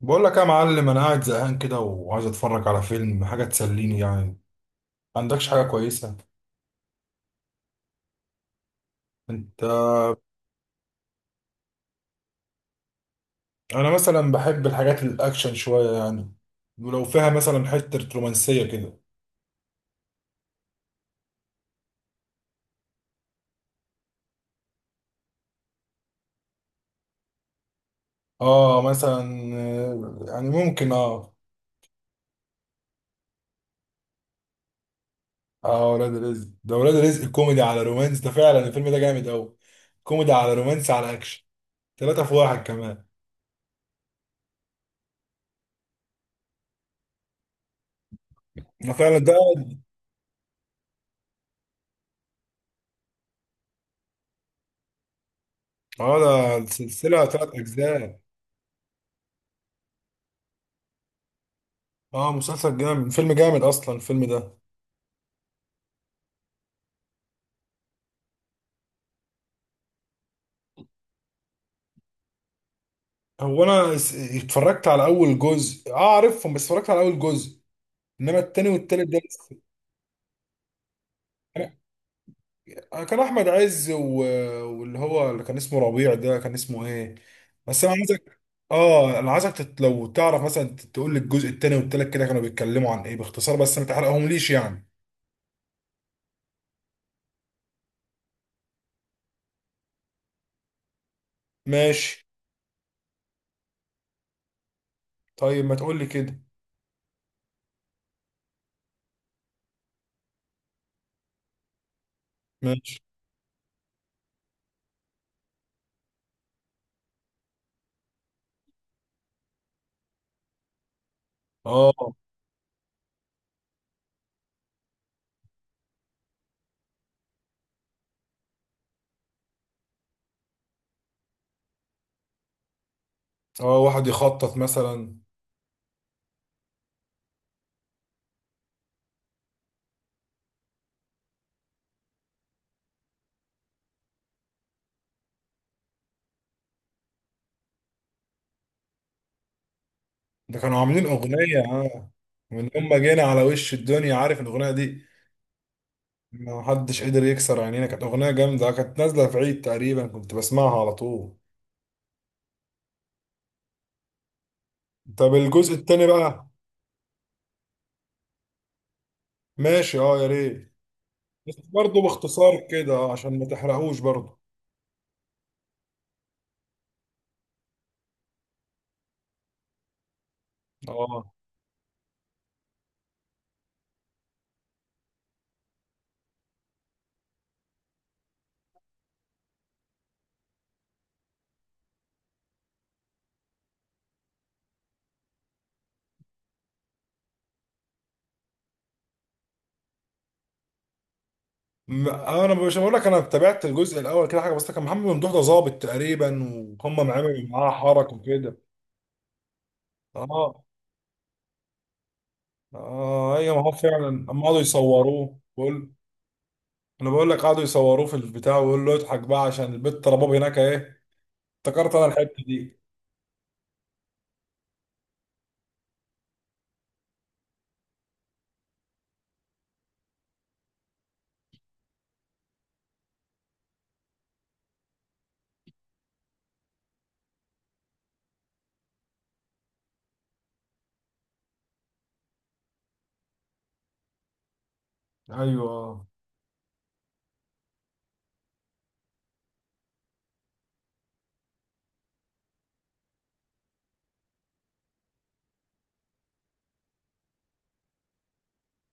بقول لك يا معلم انا قاعد زهقان كده وعايز اتفرج على فيلم، حاجه تسليني يعني. ما عندكش حاجه كويسه انت؟ انا مثلا بحب الحاجات الاكشن شويه يعني، ولو فيها مثلا حته رومانسيه كده. اه مثلا يعني ممكن اه. اه ولاد رزق، ده ولاد رزق كوميدي على رومانس، ده فعلا الفيلم ده جامد قوي، كوميدي على رومانس على اكشن. ثلاثة في واحد كمان. ده فعلا ده. اه، ده سلسلة ثلاث اجزاء. اه مسلسل جامد، فيلم جامد اصلا الفيلم ده. هو انا اتفرجت على اول جزء، اه عارفهم، بس اتفرجت على اول جزء، انما التاني والتالت ده لسه. أنا- كان احمد عز واللي هو اللي كان اسمه ربيع ده، كان اسمه ايه؟ بس انا عايزك، اه انا عايزك لو تعرف مثلا تقول لي الجزء التاني والتالت كده كانوا بيتكلموا عن ايه باختصار، بس ما تحرقهم ليش يعني. ماشي. طيب ما تقول لي كده. ماشي. اه. اه واحد يخطط مثلا. ده كانوا عاملين اغنية، اه. من يوم ما جينا على وش الدنيا، عارف الاغنية دي؟ ما حدش قدر يكسر عينينا، كانت اغنيه جامده، كانت نازله في عيد تقريبا كنت بسمعها على طول. طب الجزء التاني بقى. ماشي، اه يا ريت. بس برضه باختصار كده عشان ما تحرقوش برضه. اه، انا مش بقول لك انا تابعت الجزء الاول كده حاجه، بس كان محمد ممدوح ده ظابط تقريبا وهم عملوا معاه حركه وكده. اه. اه ايوه، ما هو فعلا اما قعدوا يصوروه بقول. انا بقول لك قعدوا يصوروه في البتاع ويقول له اضحك بقى عشان البت رباب هناك ايه. افتكرت انا الحته دي. ايوه.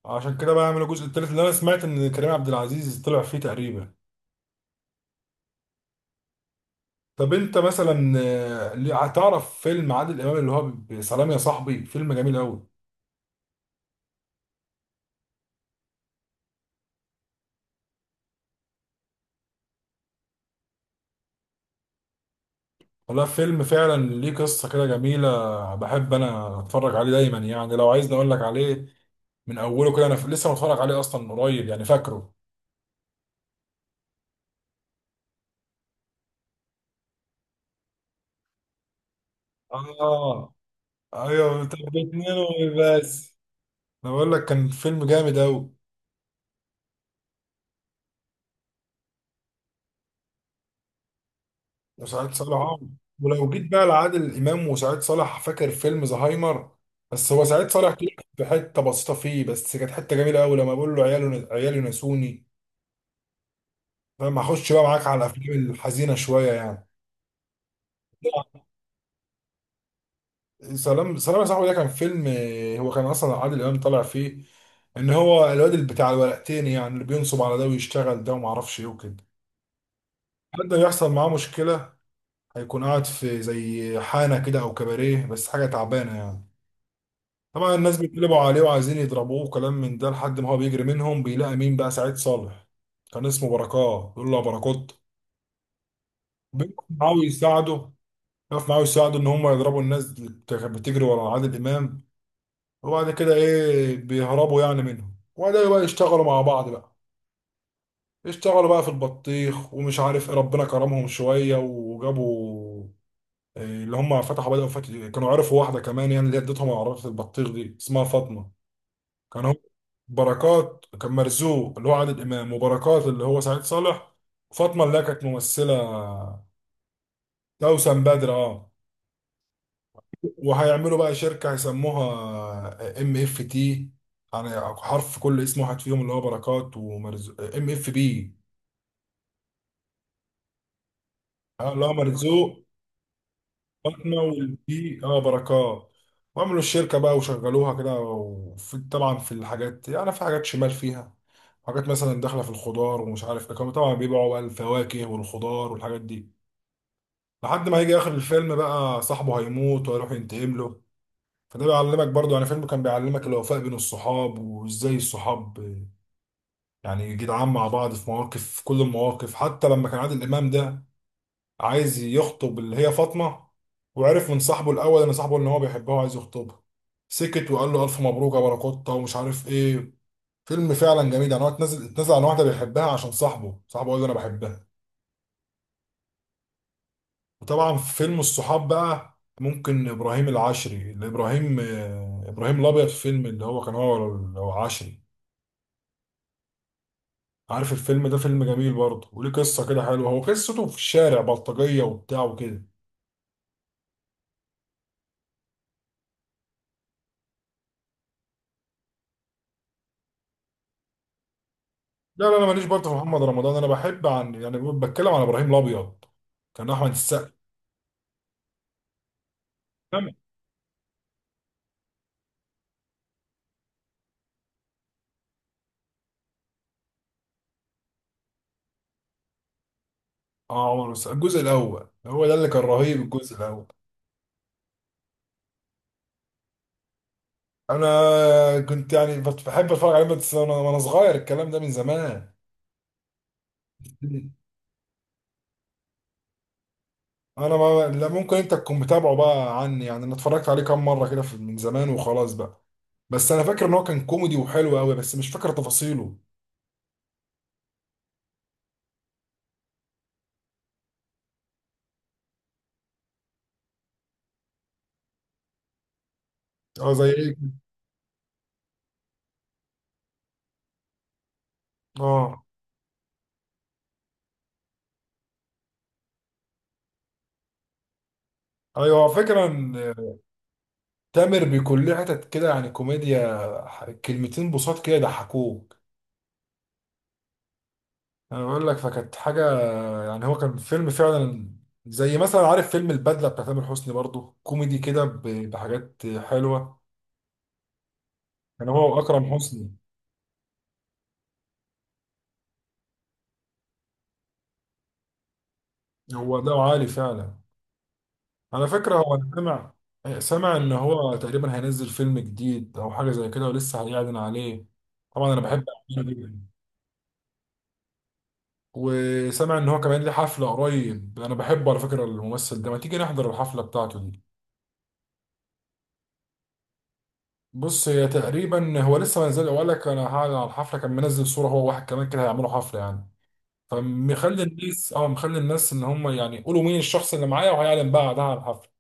عشان كده بقى عملوا الجزء التالت اللي انا سمعت ان كريم عبد العزيز طلع فيه تقريبا. طب انت مثلا هتعرف فيلم عادل امام اللي هو سلام يا صاحبي؟ فيلم جميل قوي. والله فيلم فعلا ليه قصة كده جميلة، بحب انا اتفرج عليه دايما يعني. لو عايزني اقول لك عليه من اوله كده، انا لسه متفرج عليه اصلا من قريب يعني، فاكره. اه. ايوه طب اتنين بس. انا بقول لك كان فيلم جامد قوي. وسعيد صالح ولو جيت بقى لعادل امام وسعيد صالح، فاكر فيلم زهايمر؟ بس هو سعيد صالح طلع في حته بسيطه فيه، بس كانت حته جميله قوي لما بقول له عياله عيالي نسوني. فاهم؟ هخش بقى معاك على الافلام الحزينه شويه يعني. سلام يا صاحبي ده كان فيلم، هو كان اصلا عادل امام طالع فيه ان هو الواد اللي بتاع الورقتين يعني، اللي بينصب على ده ويشتغل ده وما اعرفش ايه وكده. حد يحصل معاه مشكله. هيكون قاعد في زي حانه كده او كباريه، بس حاجه تعبانه يعني. طبعا الناس بيتقلبوا عليه وعايزين يضربوه وكلام من ده، لحد ما هو بيجري منهم بيلاقي مين بقى؟ سعيد صالح. كان اسمه بركات، بيقول له يا بركات. بيقف معاه ويساعده. بيقف معاه ويساعده ان هم يضربوا الناس اللي كانت بتجري ورا عادل امام. وبعد كده ايه، بيهربوا يعني منهم، وبعدين بقى يشتغلوا مع بعض بقى. اشتغلوا بقى في البطيخ ومش عارف ايه، ربنا كرمهم شويه وجابوا إيه اللي هم فتحوا، بدأوا فتح، كانوا عرفوا واحده كمان يعني اللي هي ادتهم عربيه البطيخ دي، اسمها فاطمه. كان هو بركات كان مرزوق اللي هو عادل امام، وبركات اللي هو سعيد صالح، وفاطمه اللي هي كانت ممثله توسم بدر، اه. وهيعملوا بقى شركه هيسموها ام اف تي، يعني حرف كل اسم واحد فيهم اللي هو بركات ومرزوق، ام اف بي. اه اللي هو مرزوق احنا، والبي اه بركات. وعملوا الشركه بقى وشغلوها كده، وفي طبعا في الحاجات يعني في حاجات شمال فيها، حاجات مثلا داخله في الخضار ومش عارف ايه، كانوا طبعا بيبيعوا بقى الفواكه والخضار والحاجات دي. لحد ما هيجي اخر الفيلم بقى صاحبه هيموت وهيروح ينتقم له. فده بيعلمك برضو يعني، فيلم كان بيعلمك الوفاء بين الصحاب، وازاي الصحاب يعني جدعان مع بعض في مواقف، في كل المواقف. حتى لما كان عادل امام ده عايز يخطب اللي هي فاطمة، وعرف من صاحبه الأول إن صاحبه إن هو بيحبها وعايز يخطبها، سكت وقال له ألف مبروك يا باراكوتا ومش عارف إيه. فيلم فعلا جميل يعني. هو اتنزل، اتنزل عن واحدة بيحبها عشان صاحبه، صاحبه قال له أنا بحبها. وطبعا في فيلم الصحاب بقى ممكن إبراهيم العشري، اللي إبراهيم إبراهيم الأبيض. في فيلم اللي هو كان هو، هو عشري، عارف الفيلم ده؟ فيلم جميل برضه وليه قصة كده حلوة، هو قصته في الشارع بلطجية وبتاع وكده. لا، انا ماليش برضه في محمد رمضان، انا بحب عن يعني بتكلم عن ابراهيم الابيض. كان احمد السقا. تمام. اه عمر، بس الجزء الاول هو ده اللي كان رهيب، الجزء الاول انا كنت يعني بحب اتفرج عليه بس، وأنا صغير، الكلام ده من زمان. انا ما لا، ممكن انت تكون متابعه بقى عني يعني، انا اتفرجت عليه كام مره كده من زمان وخلاص بقى. بس انا فاكر ان هو كان كوميدي وحلو قوي، بس مش فاكر تفاصيله. اه زي ايه. اه ايوه فكرة. تامر بيكون ليه حتت كده يعني كوميديا، كلمتين بساط كده يضحكوك. انا بقول لك فكانت حاجه، يعني هو كان فيلم فعلا. زي مثلا، عارف فيلم البدله بتاع تامر حسني؟ برضو كوميدي كده بحاجات حلوه. كان هو واكرم حسني. هو ده عالي فعلا. على فكره، هو انا سامع، سامع ان هو تقريبا هينزل فيلم جديد او حاجه زي كده ولسه هيعلن عليه. طبعا انا بحب أفلامه جدا. وسامع ان هو كمان ليه حفله قريب، انا بحبه على فكره الممثل ده، ما تيجي نحضر الحفله بتاعته دي. بص، هي تقريبا هو لسه ما نزل وقال لك انا هعلن على الحفله، كان منزل صوره هو واحد كمان كده هيعملوا حفله يعني. فمخلي الناس اه مخلي الناس ان هم يعني يقولوا مين الشخص اللي معايا، وهيعلن بعدها على الحفله.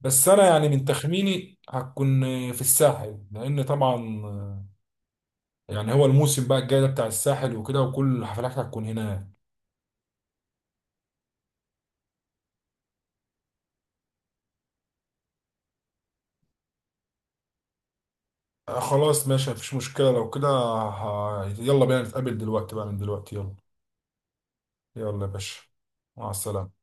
بس انا يعني من تخميني هتكون في الساحل، لان طبعا يعني هو الموسم بقى الجاي ده بتاع الساحل وكده، وكل الحفلات هتكون هناك. آه خلاص ماشي، مفيش مشكله. لو كده يلا بينا نتقابل دلوقتي بقى، من دلوقتي يلا. يلا يا باشا. مع السلامه.